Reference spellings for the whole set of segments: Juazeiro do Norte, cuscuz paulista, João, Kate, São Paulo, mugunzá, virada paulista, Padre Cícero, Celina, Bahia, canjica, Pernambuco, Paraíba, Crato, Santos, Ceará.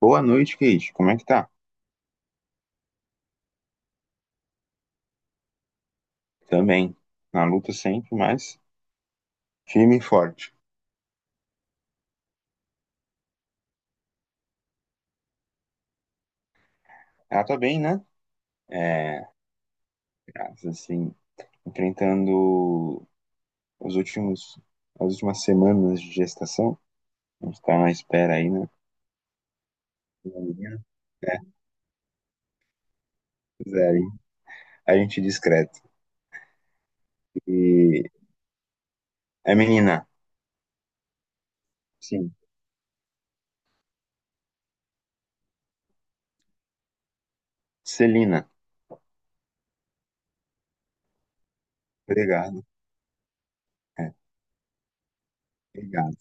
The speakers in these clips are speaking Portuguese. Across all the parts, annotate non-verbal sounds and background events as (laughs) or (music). Boa noite, Kate. Como é que tá? Também. Na luta sempre, mas firme e forte. Ela tá bem, né? É, assim, enfrentando os últimos, as últimas semanas de gestação. A gente tá na espera aí, né? Uma menina, né? Pois é, aí a gente discreto. E É menina. Sim. Celina. Obrigado. É, obrigado.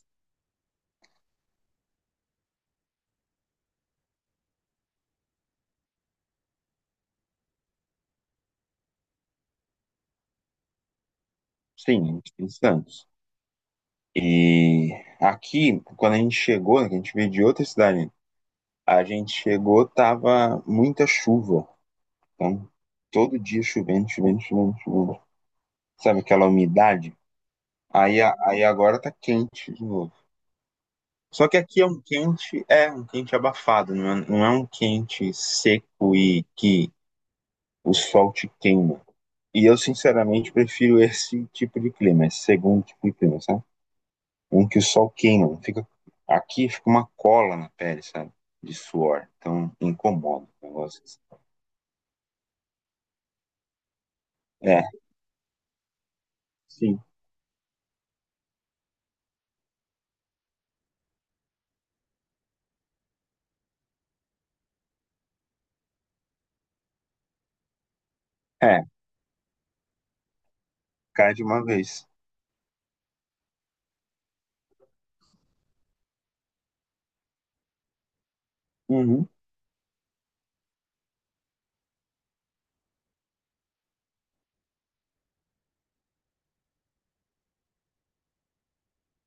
Sim, a gente tem Santos. E aqui, quando a gente chegou, a gente veio de outra cidade, a gente chegou, tava muita chuva. Então, todo dia chovendo, chovendo, chovendo, chovendo. Sabe aquela umidade? Aí agora tá quente de novo. Só que aqui é um quente abafado, não é, não é um quente seco e que o sol te queima. E eu, sinceramente, prefiro esse tipo de clima, esse segundo tipo de clima, sabe? Um que o sol queima, fica, aqui fica uma cola na pele, sabe? De suor, então incomoda o negócio. É, sim. É, cai de uma vez. Uhum.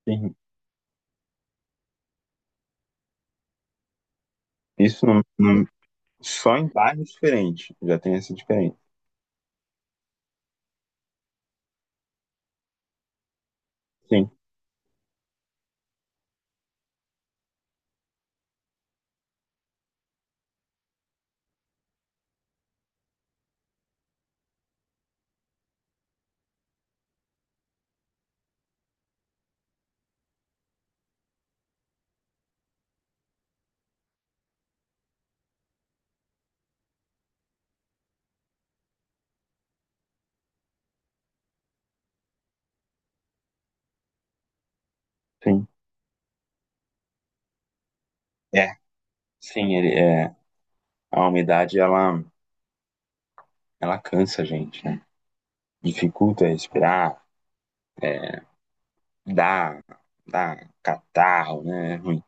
Sim. Isso não, só em bairros diferentes já tem essa diferença. Sim, sim. É, sim, ele, é, a ela cansa a gente, né? Dificulta respirar, é, dá, dá catarro, né? É ruim.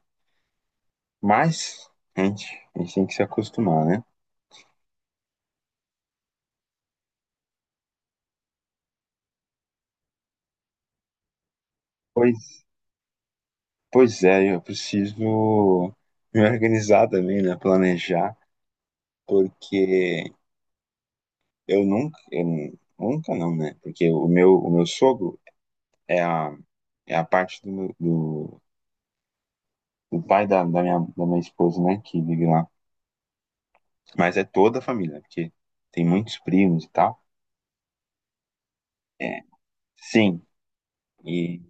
Mas, gente, a gente tem que se acostumar, né? Pois, pois é, eu preciso me organizar também, né? Planejar, porque eu nunca não, né? Porque o meu sogro é a, é a parte do pai da minha esposa, né? Que vive lá. Mas é toda a família, né? porque tem muitos primos e tal. É, sim. E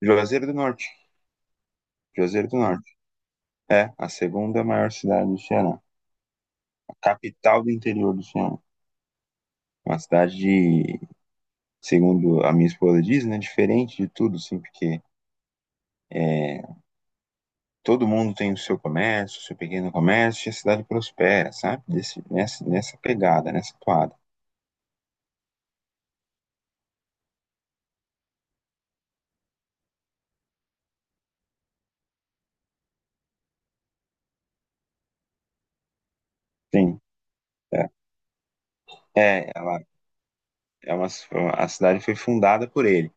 Juazeiro do Norte. Juazeiro do Norte. É a segunda maior cidade do Ceará. A capital do interior do Ceará. Uma cidade de, segundo a minha esposa diz, né? Diferente de tudo, assim, porque é, todo mundo tem o seu comércio, o seu pequeno comércio, e a cidade prospera, sabe? Nessa pegada, nessa toada. Sim, é. É, ela é uma, a cidade foi fundada por ele,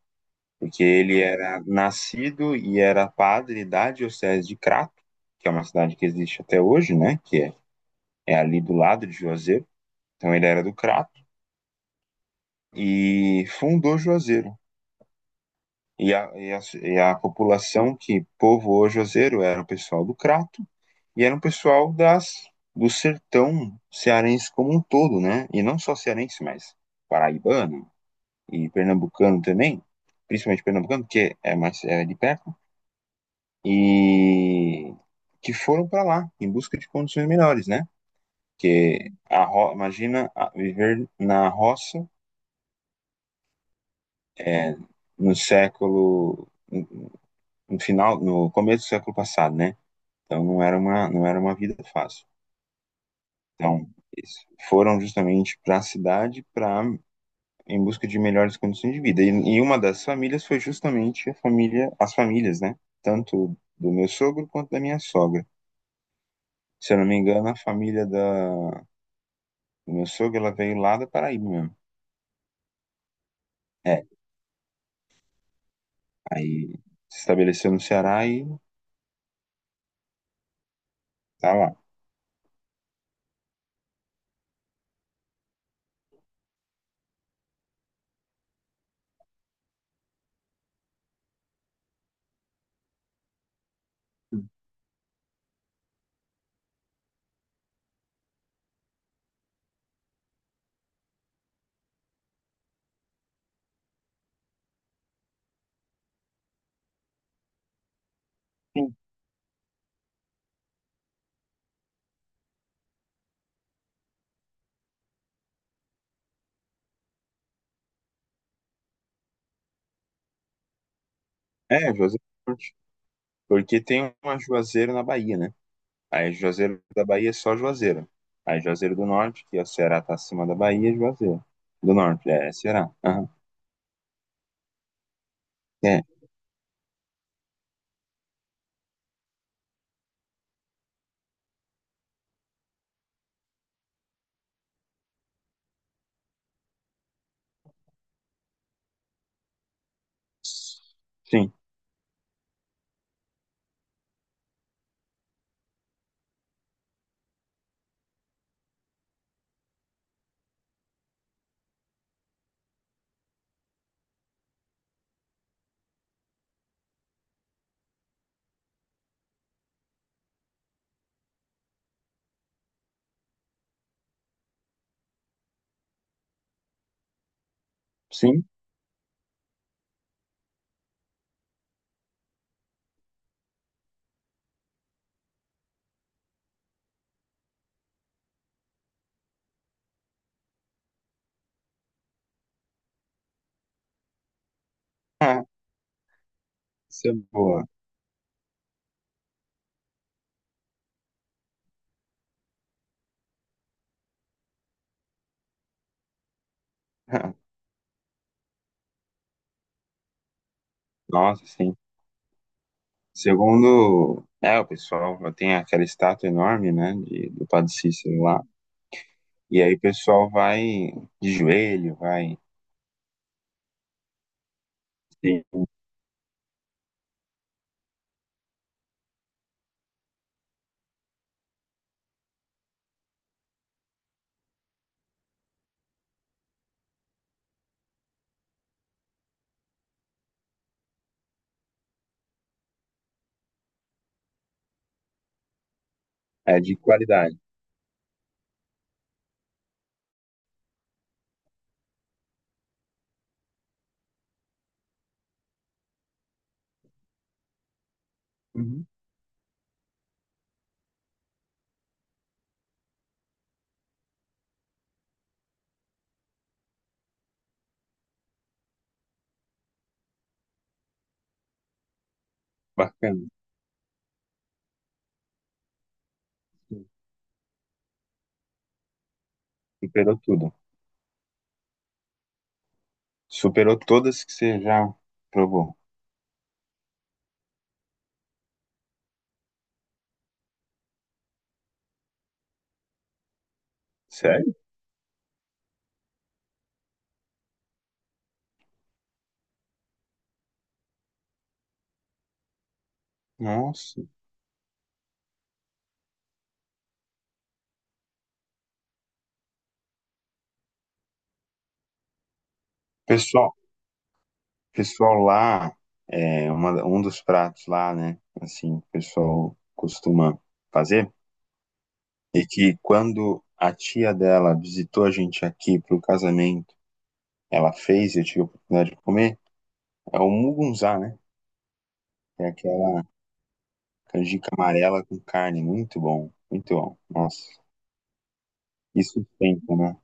porque ele era nascido e era padre da diocese de Crato, que é uma cidade que existe até hoje, né? É ali do lado de Juazeiro. Então ele era do Crato e fundou Juazeiro. E a, e a, e a população que povoou Juazeiro era o pessoal do Crato, e era um pessoal do sertão cearense como um todo, né? E não só cearense, mas paraibano e pernambucano também, principalmente pernambucano, porque é mais é de perto, e que foram para lá em busca de condições melhores, né? Porque a ro... imagina viver na roça é, no século no final, no começo do século passado, né? Então não era uma vida fácil. Então eles foram justamente para a cidade para em busca de melhores condições de vida. E uma das famílias foi justamente as famílias, né? Tanto do meu sogro quanto da minha sogra. Se eu não me engano, do meu sogro, ela veio lá da Paraíba mesmo. É, aí se estabeleceu no Ceará e tá lá. Sim. É, Juazeiro do Norte. Porque tem uma Juazeiro na Bahia, né? Aí Juazeiro da Bahia é só Juazeiro. Aí Juazeiro do Norte, que é o Ceará tá acima da Bahia, é Juazeiro. Do Norte, é, é Ceará. Aham. É. Sim. Sim. Ah, isso é boa. (laughs) Nossa, sim. Segundo, é, o pessoal tem aquela estátua enorme, né, de, do Padre Cícero lá. E aí o pessoal vai de joelho, vai. Sim. É de qualidade. Uhum. Bacana. Superou tudo. Superou todas que você já provou. Sério? Nossa. Pessoal, pessoal lá, um dos pratos lá, né, assim, o pessoal costuma fazer. E que quando a tia dela visitou a gente aqui pro casamento, ela fez e eu tive a oportunidade de comer, é o mugunzá, né? É aquela canjica amarela com carne, muito bom, muito bom. Nossa, isso sustenta, né?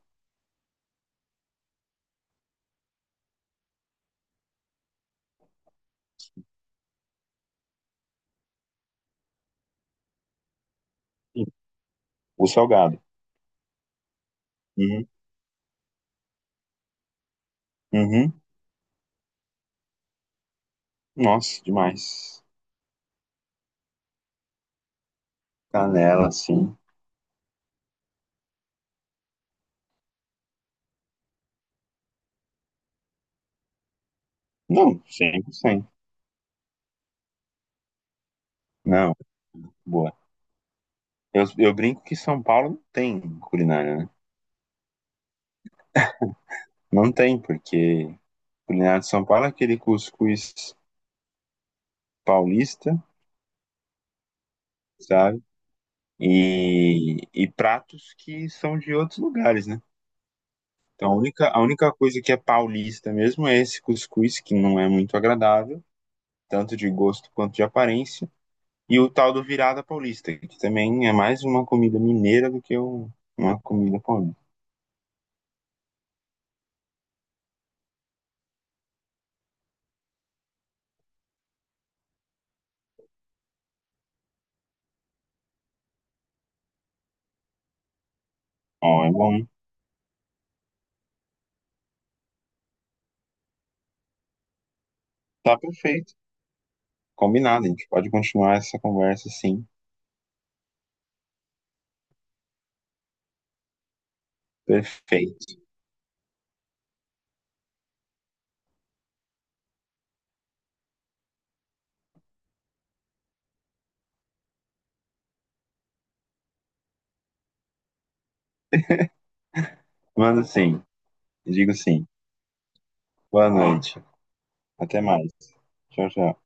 Sim. O salgado. Uhum. Uhum. Nossa, demais. Canela, sim. Não, 100%. Não, boa. Eu brinco que São Paulo não tem culinária, né? Não tem, porque culinária de São Paulo é aquele cuscuz paulista, sabe? E pratos que são de outros lugares, né? Então, a única coisa que é paulista mesmo é esse cuscuz, que não é muito agradável, tanto de gosto quanto de aparência, e o tal do virada paulista, que também é mais uma comida mineira do que uma comida paulista. Ó, é bom. Tá perfeito. Combinado, a gente pode continuar essa conversa, sim. Perfeito. Mando sim. Digo sim. Boa noite. Até mais. Tchau, tchau.